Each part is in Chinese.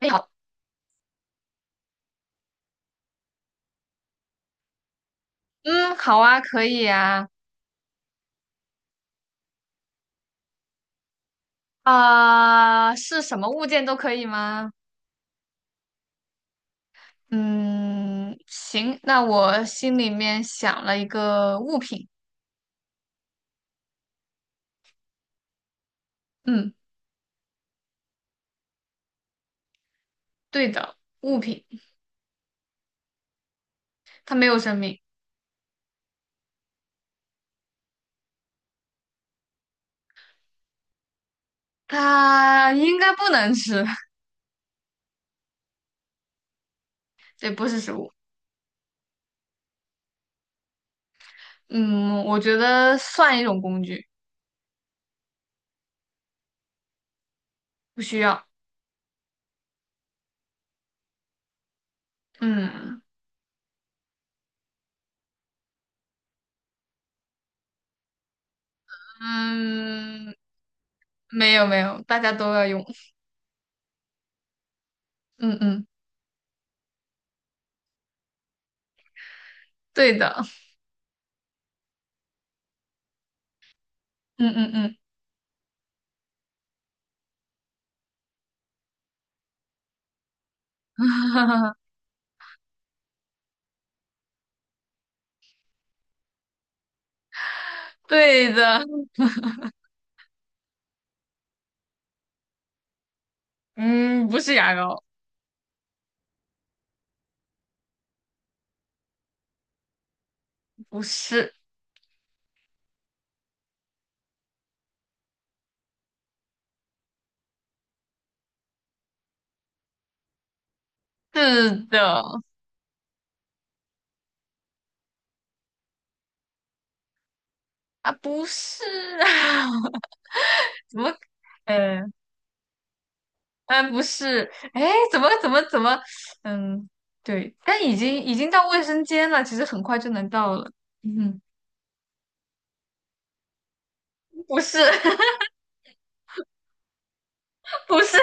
哎好，嗯，好啊，可以啊，啊、是什么物件都可以吗？嗯，行，那我心里面想了一个物品，嗯，对的，物品，它没有生命，它应该不能吃，对，不是食物，嗯，我觉得算一种工具，不需要，嗯嗯，没有没有，大家都要用，嗯嗯，对的，嗯嗯嗯，哈哈，对的，嗯，不是牙膏。不是，是的，啊，不是啊，怎么，嗯嗯，不是，哎，怎么，嗯，对，但已经到卫生间了，其实很快就能到了，嗯，不是 不是，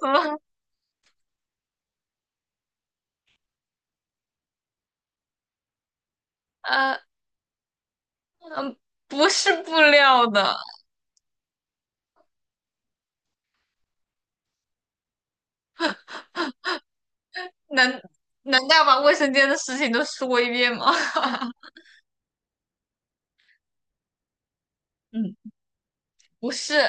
怎么，呃嗯，不是布料的，难难道把卫生间的事情都说一遍吗？嗯，不是，应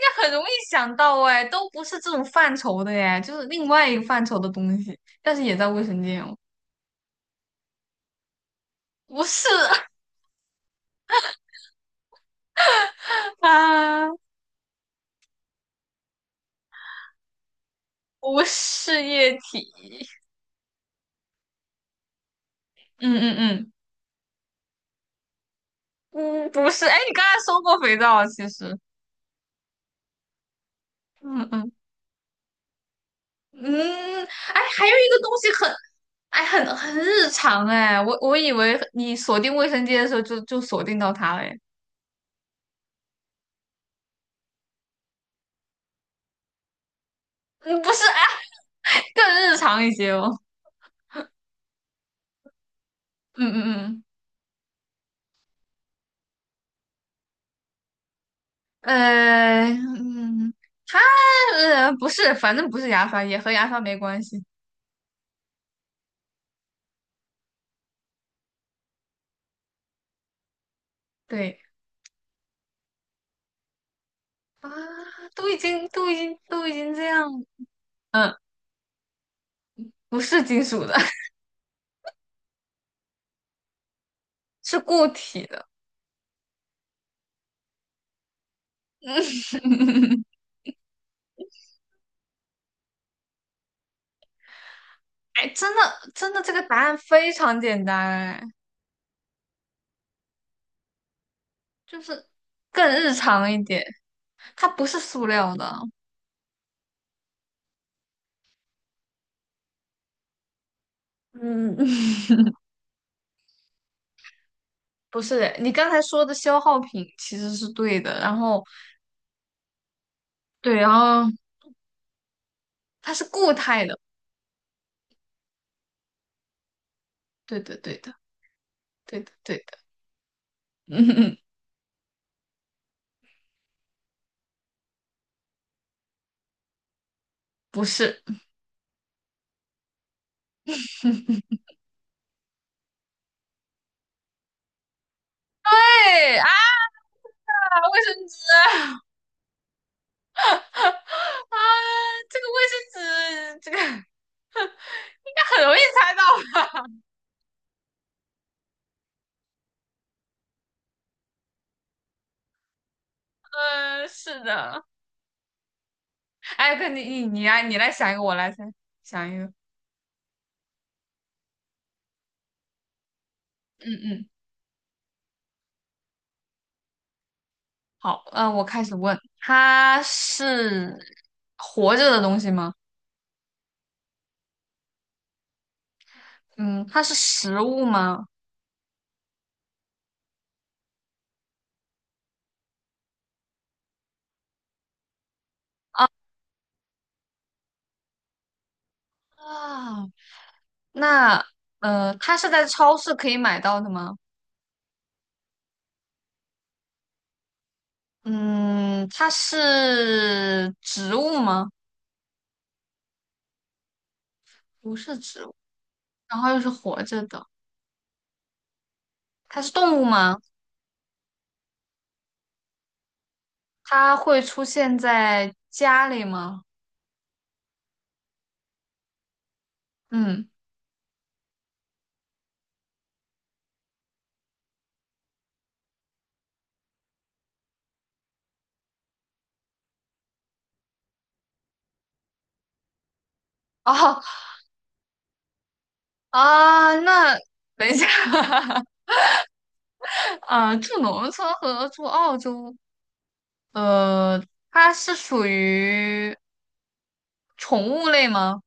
该很容易想到哎，都不是这种范畴的哎，就是另外一个范畴的东西，但是也在卫生间哦。不是啊，不是液体。嗯嗯嗯嗯，不是。哎，你刚才说过肥皂啊其实。嗯嗯嗯，哎，还有一个东西很日常哎，我以为你锁定卫生间的时候就锁定到它了哎。嗯，不是哎，更日常一些哦。嗯嗯嗯，嗯，它不是，反正不是牙刷，也和牙刷没关系。对啊，都已经这样。嗯不是金属的，是固体的。哎，真的真的，这个答案非常简单，哎，就是更日常一点，它不是塑料的。嗯，不是的你刚才说的消耗品其实是对的，然后对，然后它是固态的，对的，对的，对的，对的，嗯，不是，对啊，卫生纸 啊，这个卫生纸，这个 很容易猜到。嗯，是的。哎，哥，你来，你来想一个，我来猜，想一个。嗯嗯，好，我开始问，它是活着的东西吗？嗯，它是食物吗？啊，那它是在超市可以买到的吗？嗯，它是植物吗？不是植物，然后又是活着的，它是动物吗？它会出现在家里吗？嗯，哦，啊，那等一下，啊，住农村和住澳洲，呃，它是属于宠物类吗？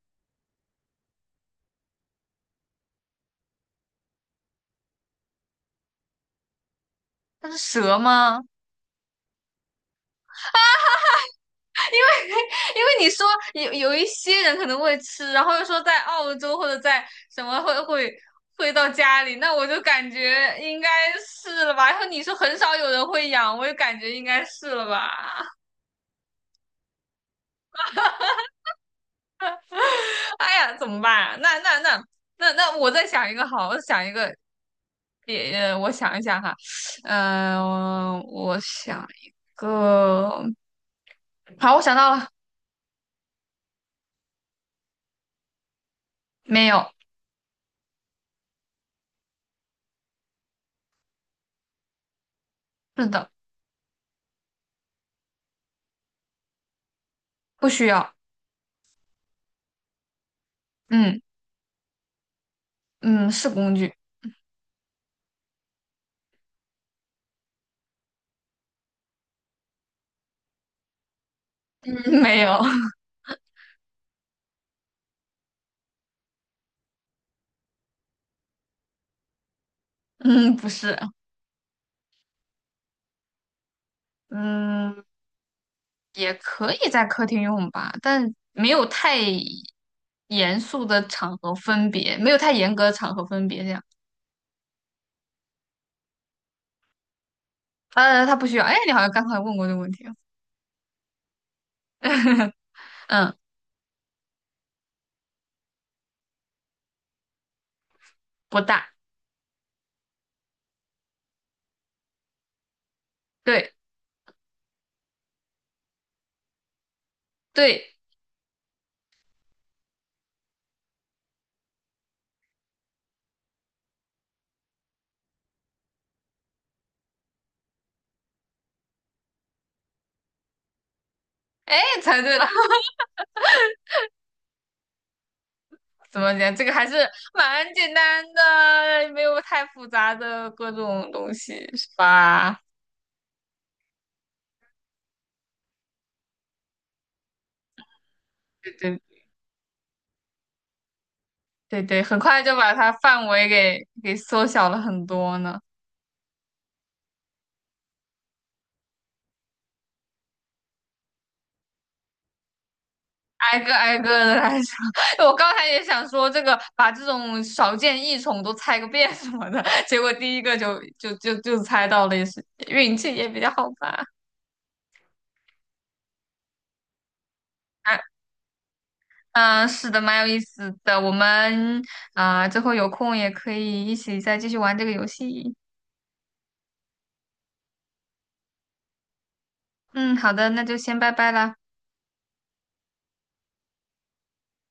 它是蛇吗？因为你说有一些人可能会吃，然后又说在澳洲或者在什么会到家里，那我就感觉应该是了吧。然后你说很少有人会养，我就感觉应该是了吧。哎呀，怎么办啊那，我再想一个好，我再想一个也，我想一下哈，嗯、我想一个，好，我想到了，没有，是的，不需要，嗯嗯，是工具，嗯，没有，嗯，不是，嗯，也可以在客厅用吧，但没有太严肃的场合分别，没有太严格的场合分别这样，它不需要，哎，你好像刚才问过这个问题了 嗯，不大，对对，哎，猜对了。怎么讲？这个还是蛮简单的，没有太复杂的各种东西，是吧？对对对对，很快就把它范围给缩小了很多呢。挨个挨个的来说，我刚才也想说这个，把这种少见异宠都猜个遍什么的，结果第一个就猜到了，也是运气也比较好吧。啊，嗯、是的，蛮有意思的。我们啊、之后有空也可以一起再继续玩这个游戏。嗯，好的，那就先拜拜啦。